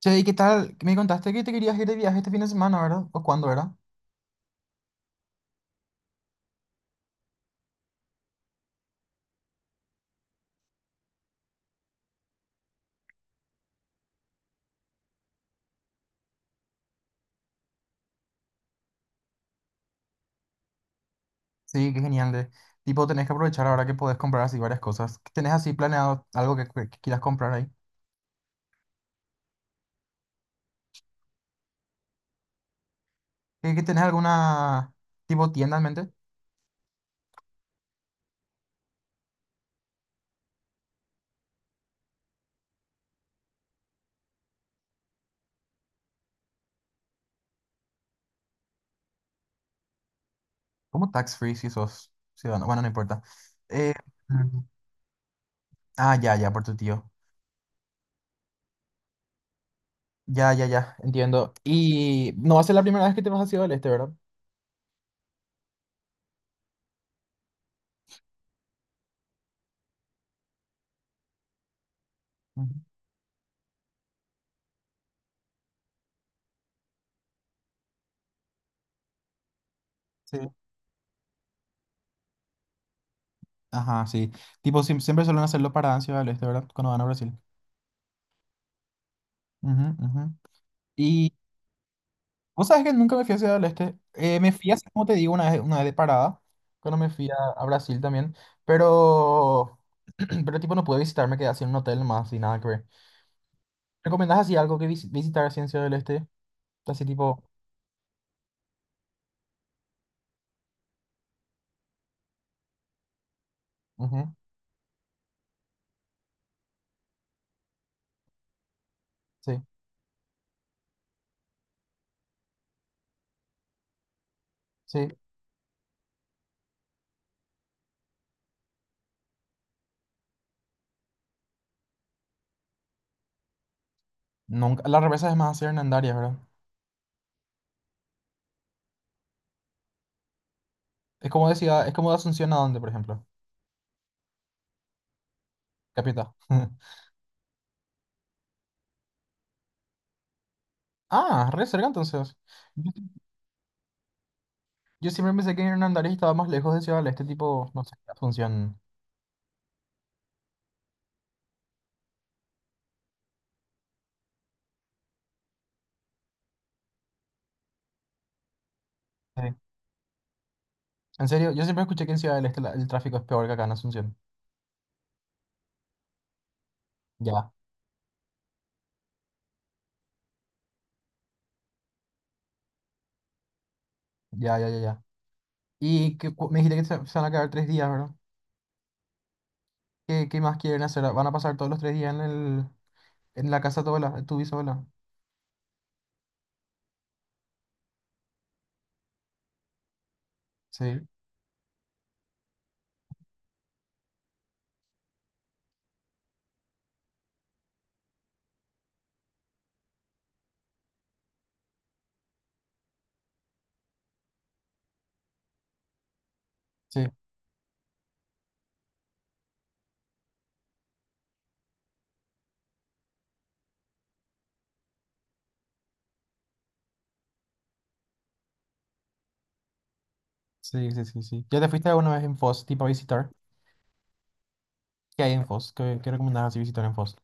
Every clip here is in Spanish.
Che, ¿y qué tal? Me contaste que te querías ir de viaje este fin de semana, ¿verdad? ¿O cuándo era? Sí, qué genial. De... Tipo, tenés que aprovechar ahora que podés comprar así varias cosas. ¿Qué ¿Tenés así planeado algo que quieras comprar ahí? ¿Que tenés alguna tipo tienda en mente? ¿Como tax free si sos ciudadano? Bueno, no importa. Eh, mm, ah, ya, ya, por tu tío. Ya, ya, ya, entiendo. Y no va a ser la primera vez que te vas a Ciudad del Este, ¿verdad? Ujú. Sí. Ajá, sí. Tipo, siempre suelen hacerlo para Ciudad del Este, ¿verdad? Cuando van a Brasil. Ujú, ujú. Vos sabés que nunca me fui a Ciudad del Este. Me fui así, como te digo, una vez de parada, cuando me fui a Brasil también. Pero pero tipo no pude visitar, me quedé así en un hotel más y nada que ver. ¿Recomendás así algo que visitar así en Ciudad del Este? Así tipo, ujú, sí, sí. Nunca, la represa es más hacia Hernandarias, ¿verdad? Es como de ciudad, es como de Asunción a dónde, por ejemplo. Capital. Ah, re cerca entonces. Yo, yo siempre pensé que Hernandarias estaba más lejos de Ciudad del Este, tipo, no sé, Asunción. eh, En serio, yo siempre escuché que en Ciudad del Este el tráfico es peor que acá en Asunción. Ya, ya, ya, ya, ya. Y que, me dijiste que se van a quedar 3 días, ¿verdad? ¿Qué, qué más quieren hacer? ¿Van a pasar todos los 3 días en en la casa de tu abuela, de tu bisabuela? Sí, sí, sí, sí, sí, sí. ¿Ya te fuiste alguna vez en Foz, tipo a visitar? ¿Qué hay en Foz? ¿Qué recomendabas así visitar en Foz?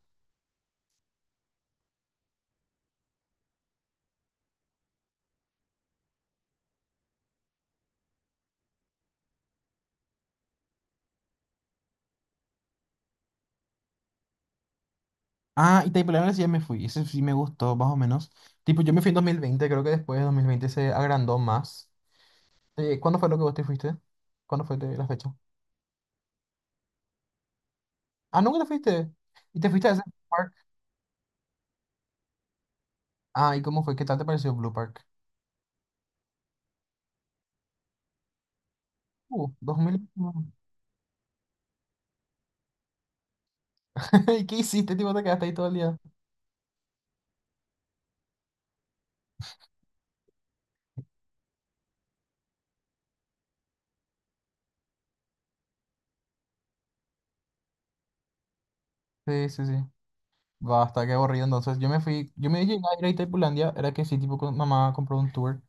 Ah, y Taipulanera sí ya me fui. Ese sí me gustó, más o menos. Tipo, yo me fui en 2020, creo que después de 2020 se agrandó más. ¿Cuándo fue lo que vos te fuiste? ¿Cuándo fue la fecha? Ah, ¿nunca te fuiste? ¿Y te fuiste a ese parque? Ah, ¿y cómo fue? ¿Qué tal te pareció Blue Park? 2000. ¿Y qué hiciste, tipo? Te quedaste ahí todo el día. Sí, sí, sí. Basta, qué aburrido. Entonces, yo me fui, yo me llegué a ir a Itaipulandia, era que sí, tipo, con, mamá compró un tour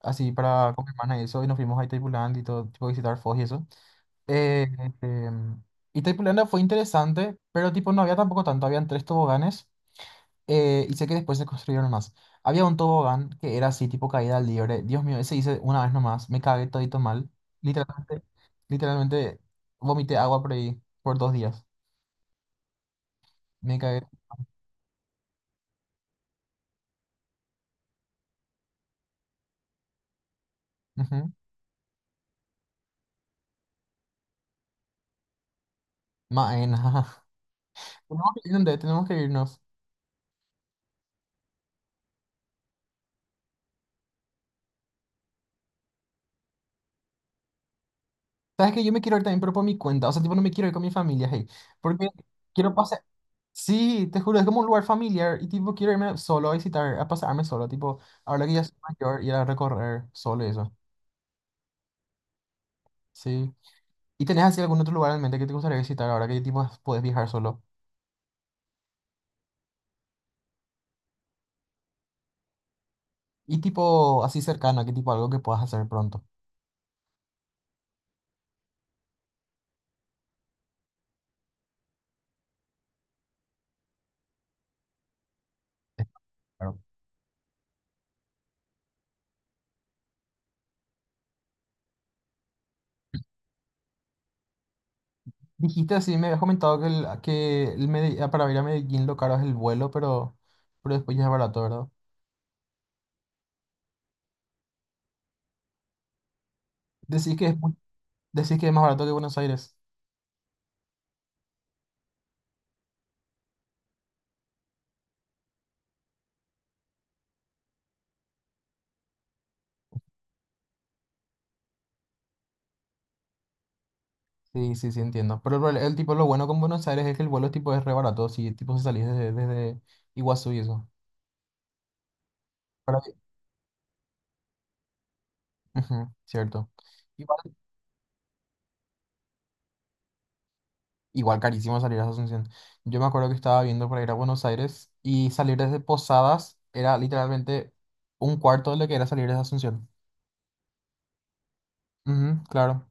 así para con mi hermana y eso, y nos fuimos a Itaipulandia y todo, tipo, visitar Foz y eso. Eh, este, Itaipulandia fue interesante, pero tipo, no había tampoco tanto, habían 3 toboganes. Y sé que después se construyeron más. Había un tobogán que era así, tipo caída libre. Dios mío, ese hice una vez nomás. Me cagué todito mal. Literalmente, literalmente vomité agua por ahí por 2 días. Me cagué. Ujú. Maena. Tenemos que ir, tenemos que irnos. Sabes que yo me quiero ir también, pero por mi cuenta. O sea, tipo, no me quiero ir con mi familia, hey. Porque quiero pasar. Sí, te juro, es como un lugar familiar. Y tipo, quiero irme solo a visitar, a pasarme solo. Tipo, ahora que ya soy mayor, ir a recorrer solo y eso. Sí. ¿Y tenés así algún otro lugar en mente que te gustaría visitar ahora que tipo puedes viajar solo? Y tipo así cercano, ¿qué tipo algo que puedas hacer pronto? Es caro. Dijiste así, me habías comentado que, que ah, para ir a Medellín lo caro es el vuelo, pero después ya es barato, ¿verdad? Decís que es, mu- decís que es más barato que Buenos Aires. Sí, sí, sí, entiendo. Pero el tipo, lo bueno con Buenos Aires es que el vuelo tipo es re barato, si tipo si salís desde Iguazú y eso. Para, ujú, cierto. Igual carísimo salir a Asunción. Yo me acuerdo que estaba viendo para ir a Buenos Aires y salir desde Posadas era literalmente un cuarto de lo que era salir desde Asunción. Ujú, claro.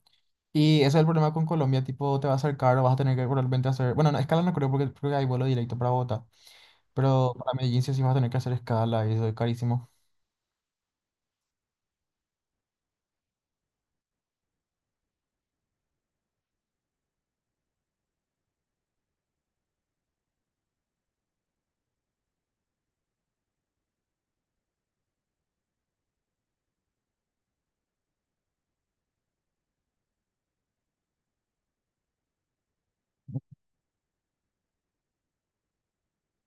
Y ese es el problema con Colombia, tipo, te va a ser caro, vas a tener que realmente hacer... Bueno, no, escala no creo porque creo que hay vuelo directo para Bogotá, pero para Medellín sí, sí vas a tener que hacer escala y eso es carísimo.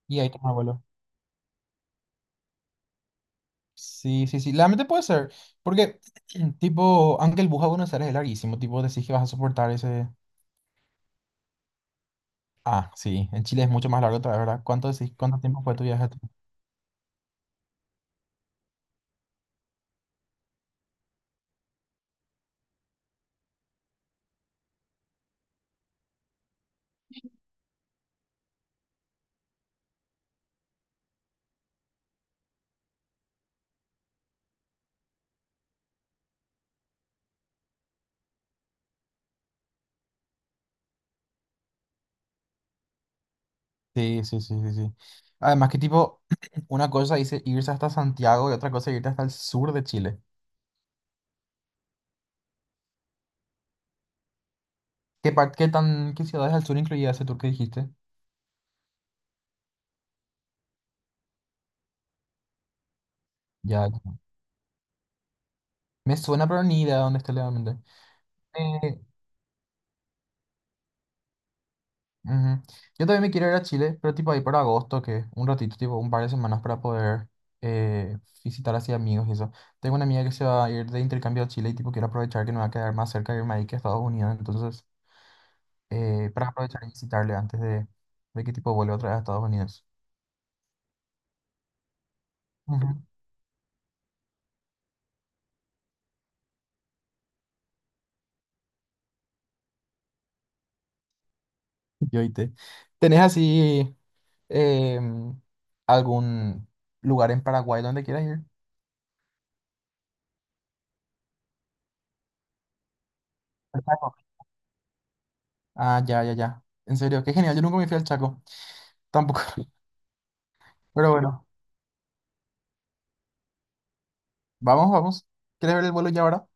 Y ahí tomas vuelo. Sí, sí, sí, realmente puede ser, porque tipo, aunque el bus a Buenos Aires es larguísimo, tipo, decís que vas a soportar ese... Ah, sí, en Chile es mucho más largo otra vez, ¿verdad? ¿Cuánto decís? ¿Cuánto tiempo fue tu viaje a Chile? Sí, sí, sí, sí, sí. Además que tipo, una cosa dice irse hasta Santiago y otra cosa irte hasta el sur de Chile. ¿Qué tan, qué ciudades al sur incluía ese tour que dijiste? Ya, ya. Me suena, pero ni idea de dónde está legalmente. Eh, ujú. Yo también me quiero ir a Chile, pero tipo ahí para agosto, que un ratito, tipo un par de semanas para poder eh, visitar así amigos y eso. Tengo una amiga que se va a ir de intercambio a Chile y tipo quiero aprovechar que me va a quedar más cerca de irme ahí que a Estados Unidos, entonces... para aprovechar y visitarle antes de que tipo vuelva otra vez a Estados Unidos. Ujú. Yo y te. ¿Tenés así em, algún lugar en Paraguay donde quieras ir? Al Chaco. Ah, ya, ya, ya. En serio, qué genial. Yo nunca me fui al Chaco. Tampoco. Pero bueno, vamos, vamos. ¿Quieres ver el vuelo ya ahora?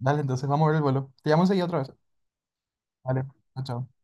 Dale, entonces vamos a ver el vuelo. Te llamo enseguida otra vez. Vale, chao. Chao.